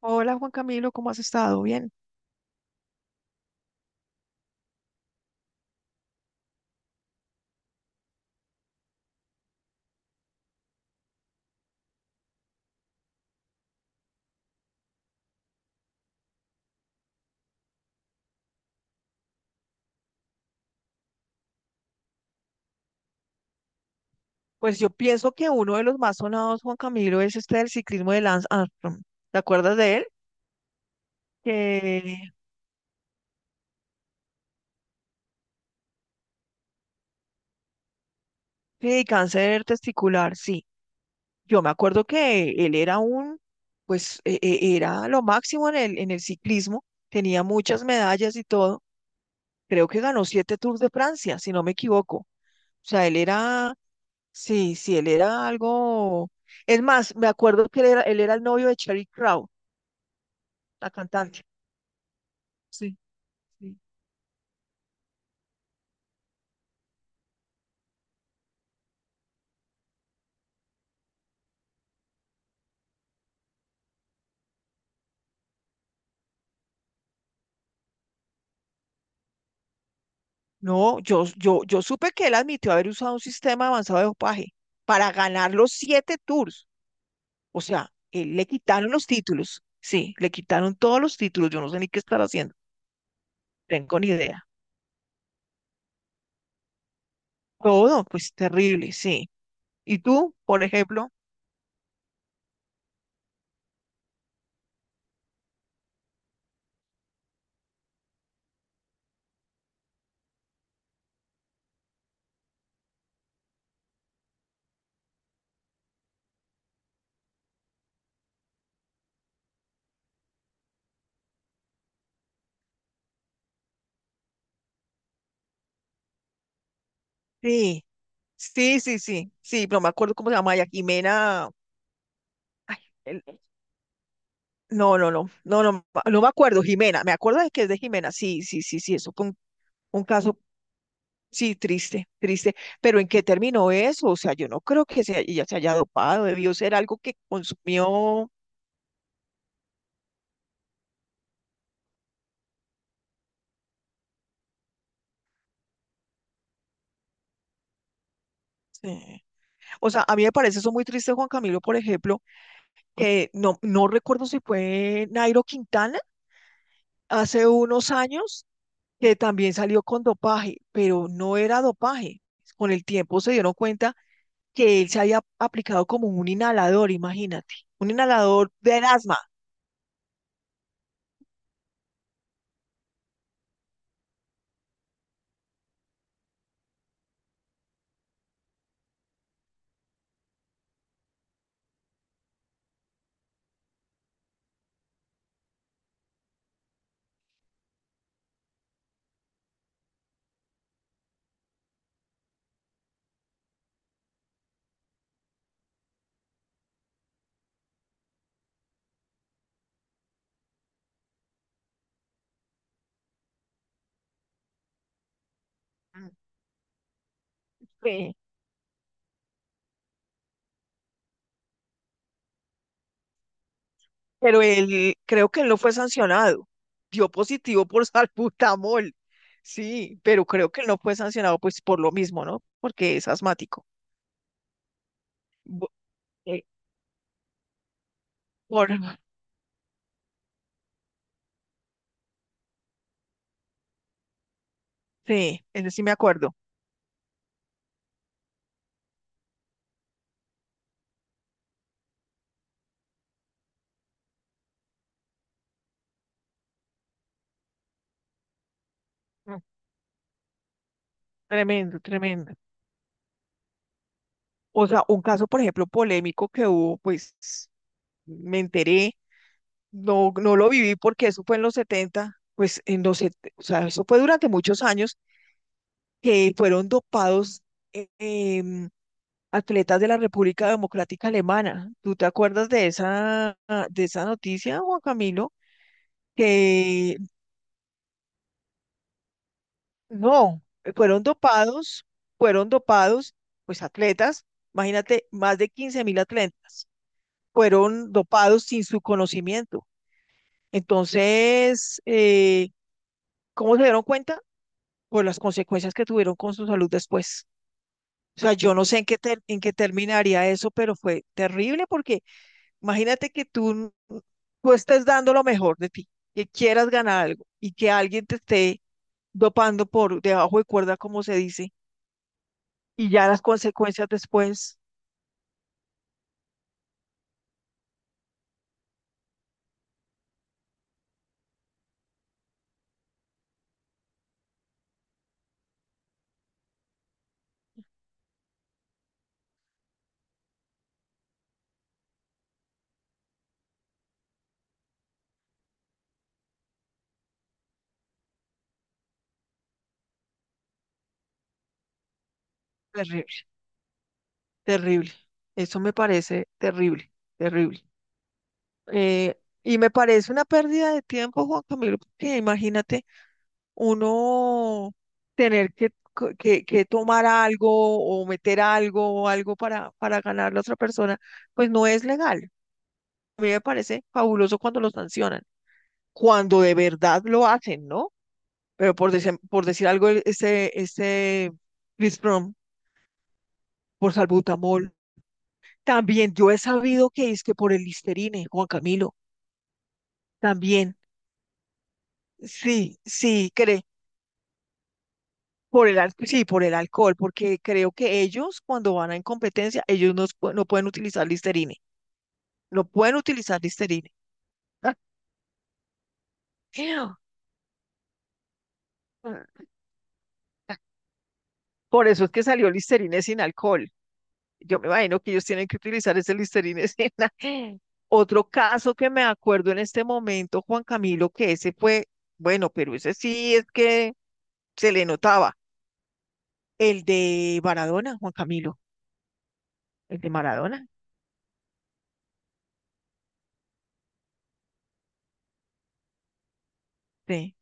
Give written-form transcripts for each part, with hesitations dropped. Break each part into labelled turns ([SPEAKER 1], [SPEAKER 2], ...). [SPEAKER 1] Hola Juan Camilo, ¿cómo has estado? Bien. Pues yo pienso que uno de los más sonados, Juan Camilo, es este del ciclismo de Lance Armstrong. ¿Te acuerdas de él? Que sí, cáncer testicular, sí. Yo me acuerdo que él era un, pues era lo máximo en el ciclismo, tenía muchas medallas y todo. Creo que ganó 7 Tours de Francia, si no me equivoco. O sea, él era, sí, sí, él era algo. Es más, me acuerdo que él era el novio de Cheryl Crow, la cantante. Sí. Sí. No, yo supe que él admitió haber usado un sistema avanzado de dopaje para ganar los 7 tours. O sea, él le quitaron los títulos. Sí, le quitaron todos los títulos. Yo no sé ni qué estar haciendo. Tengo ni idea. Todo, pues terrible, sí. ¿Y tú, por ejemplo? Sí, sí, sí, sí, sí, no me acuerdo cómo se llama ella, Jimena. Ay, el- no, no, no, no, no, no me acuerdo, Jimena. Me acuerdo de que es de Jimena. Sí, sí, sí, sí, eso fue un caso. Sí, triste, triste. Pero ¿en qué terminó eso? O sea, yo no creo que se, ella se haya dopado, debió ser algo que consumió. Sí. O sea, a mí me parece eso muy triste, Juan Camilo, por ejemplo, que no, no recuerdo si fue Nairo Quintana hace unos años, que también salió con dopaje, pero no era dopaje. Con el tiempo se dieron cuenta que él se había aplicado como un inhalador, imagínate, un inhalador de asma. Sí. Pero él, creo que él no fue sancionado. Dio positivo por salbutamol. Sí, pero creo que él no fue sancionado pues por lo mismo, ¿no? Porque es asmático. Bu- eh, por, sí, ese sí me acuerdo. Mm, Tremendo, tremendo. O sea, un caso, por ejemplo, polémico que hubo, pues me enteré, no, no lo viví porque eso fue en los 70, pues en los, o sea, eso fue durante muchos años que fueron dopados, eh, em, atletas de la República Democrática Alemana. ¿Tú te acuerdas de esa noticia, Juan Camilo? Que no, fueron dopados, pues atletas, imagínate, más de 15.000 atletas fueron dopados sin su conocimiento. Entonces, ¿cómo se dieron cuenta? Por las consecuencias que tuvieron con su salud después. O sea, yo no sé en qué, en qué terminaría eso, pero fue terrible porque imagínate que tú estés dando lo mejor de ti, que quieras ganar algo y que alguien te esté dopando por debajo de cuerda, como se dice, y ya las consecuencias después, terrible, terrible. Eso me parece terrible, terrible. Y me parece una pérdida de tiempo, Juan Camilo, porque imagínate uno tener que, que tomar algo o meter algo o algo para ganar a la otra persona, pues no es legal. A mí me parece fabuloso cuando los sancionan, cuando de verdad lo hacen, ¿no? Pero por, por decir algo, este Chris Brown, por salbutamol, también yo he sabido que es que por el Listerine, Juan Camilo, también, sí, por el, sí, por el alcohol, porque creo que ellos cuando van a en competencia, ellos no, no pueden utilizar Listerine, no pueden utilizar Listerine. Por eso es que salió Listerine sin alcohol. Yo me imagino que ellos tienen que utilizar ese Listerine escena. Otro caso que me acuerdo en este momento, Juan Camilo, que ese fue, bueno, pero ese sí es que se le notaba. El de Maradona, Juan Camilo, el de Maradona, sí,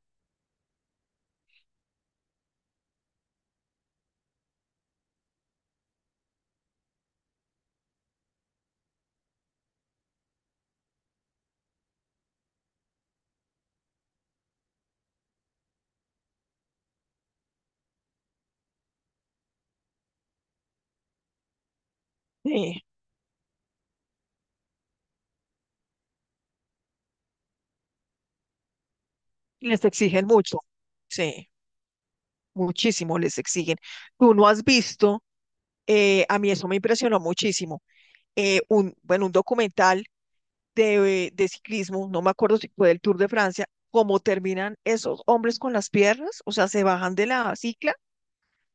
[SPEAKER 1] sí, les exigen mucho, sí, muchísimo les exigen. Tú no has visto, a mí eso me impresionó muchísimo, bueno, un documental de ciclismo, no me acuerdo si fue del Tour de Francia, cómo terminan esos hombres con las piernas, o sea, se bajan de la cicla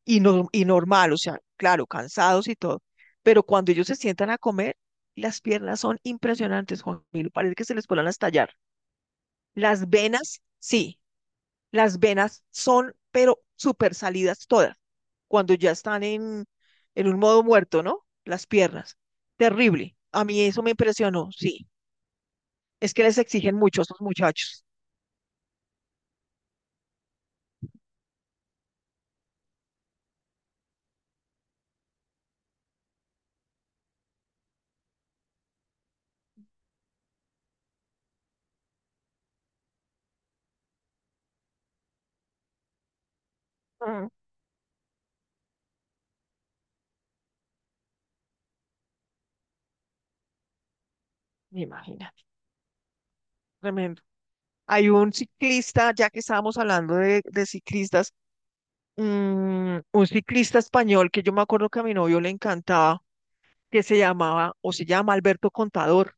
[SPEAKER 1] y, no, y normal, o sea, claro, cansados y todo, pero cuando ellos se sientan a comer, las piernas son impresionantes, Juan Milo, parece que se les puedan a estallar. Las venas, sí, las venas son, pero súper salidas todas, cuando ya están en un modo muerto, ¿no? Las piernas, terrible. A mí eso me impresionó, sí. Es que les exigen mucho a estos muchachos. Mm, imagínate, tremendo. Hay un ciclista, ya que estábamos hablando de ciclistas, mm, un ciclista español que yo me acuerdo que a mi novio le encantaba, que se llamaba o se llama Alberto Contador.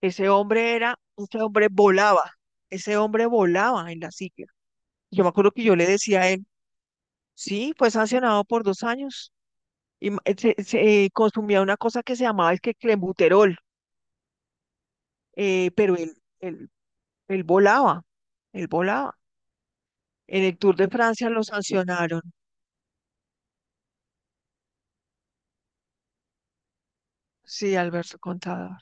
[SPEAKER 1] Ese hombre era, ese hombre volaba en la silla. Yo me acuerdo que yo le decía a él, sí, fue sancionado por 2 años y consumía una cosa que se llamaba es que clenbuterol, pero él, él volaba, él volaba. En el Tour de Francia lo sancionaron, sí, Alberto Contador.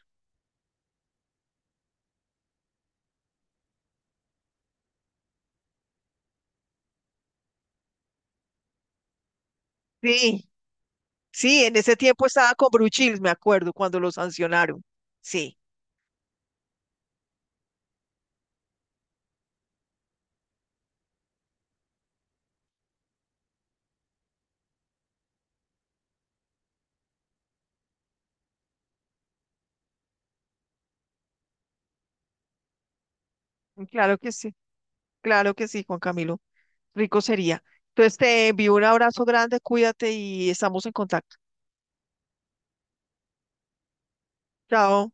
[SPEAKER 1] Sí, sí, en ese tiempo estaba con Bruchil, me acuerdo, cuando lo sancionaron. Sí, claro que sí. Claro que sí, Juan Camilo. Rico sería. Entonces te envío un abrazo grande, cuídate y estamos en contacto. Chao.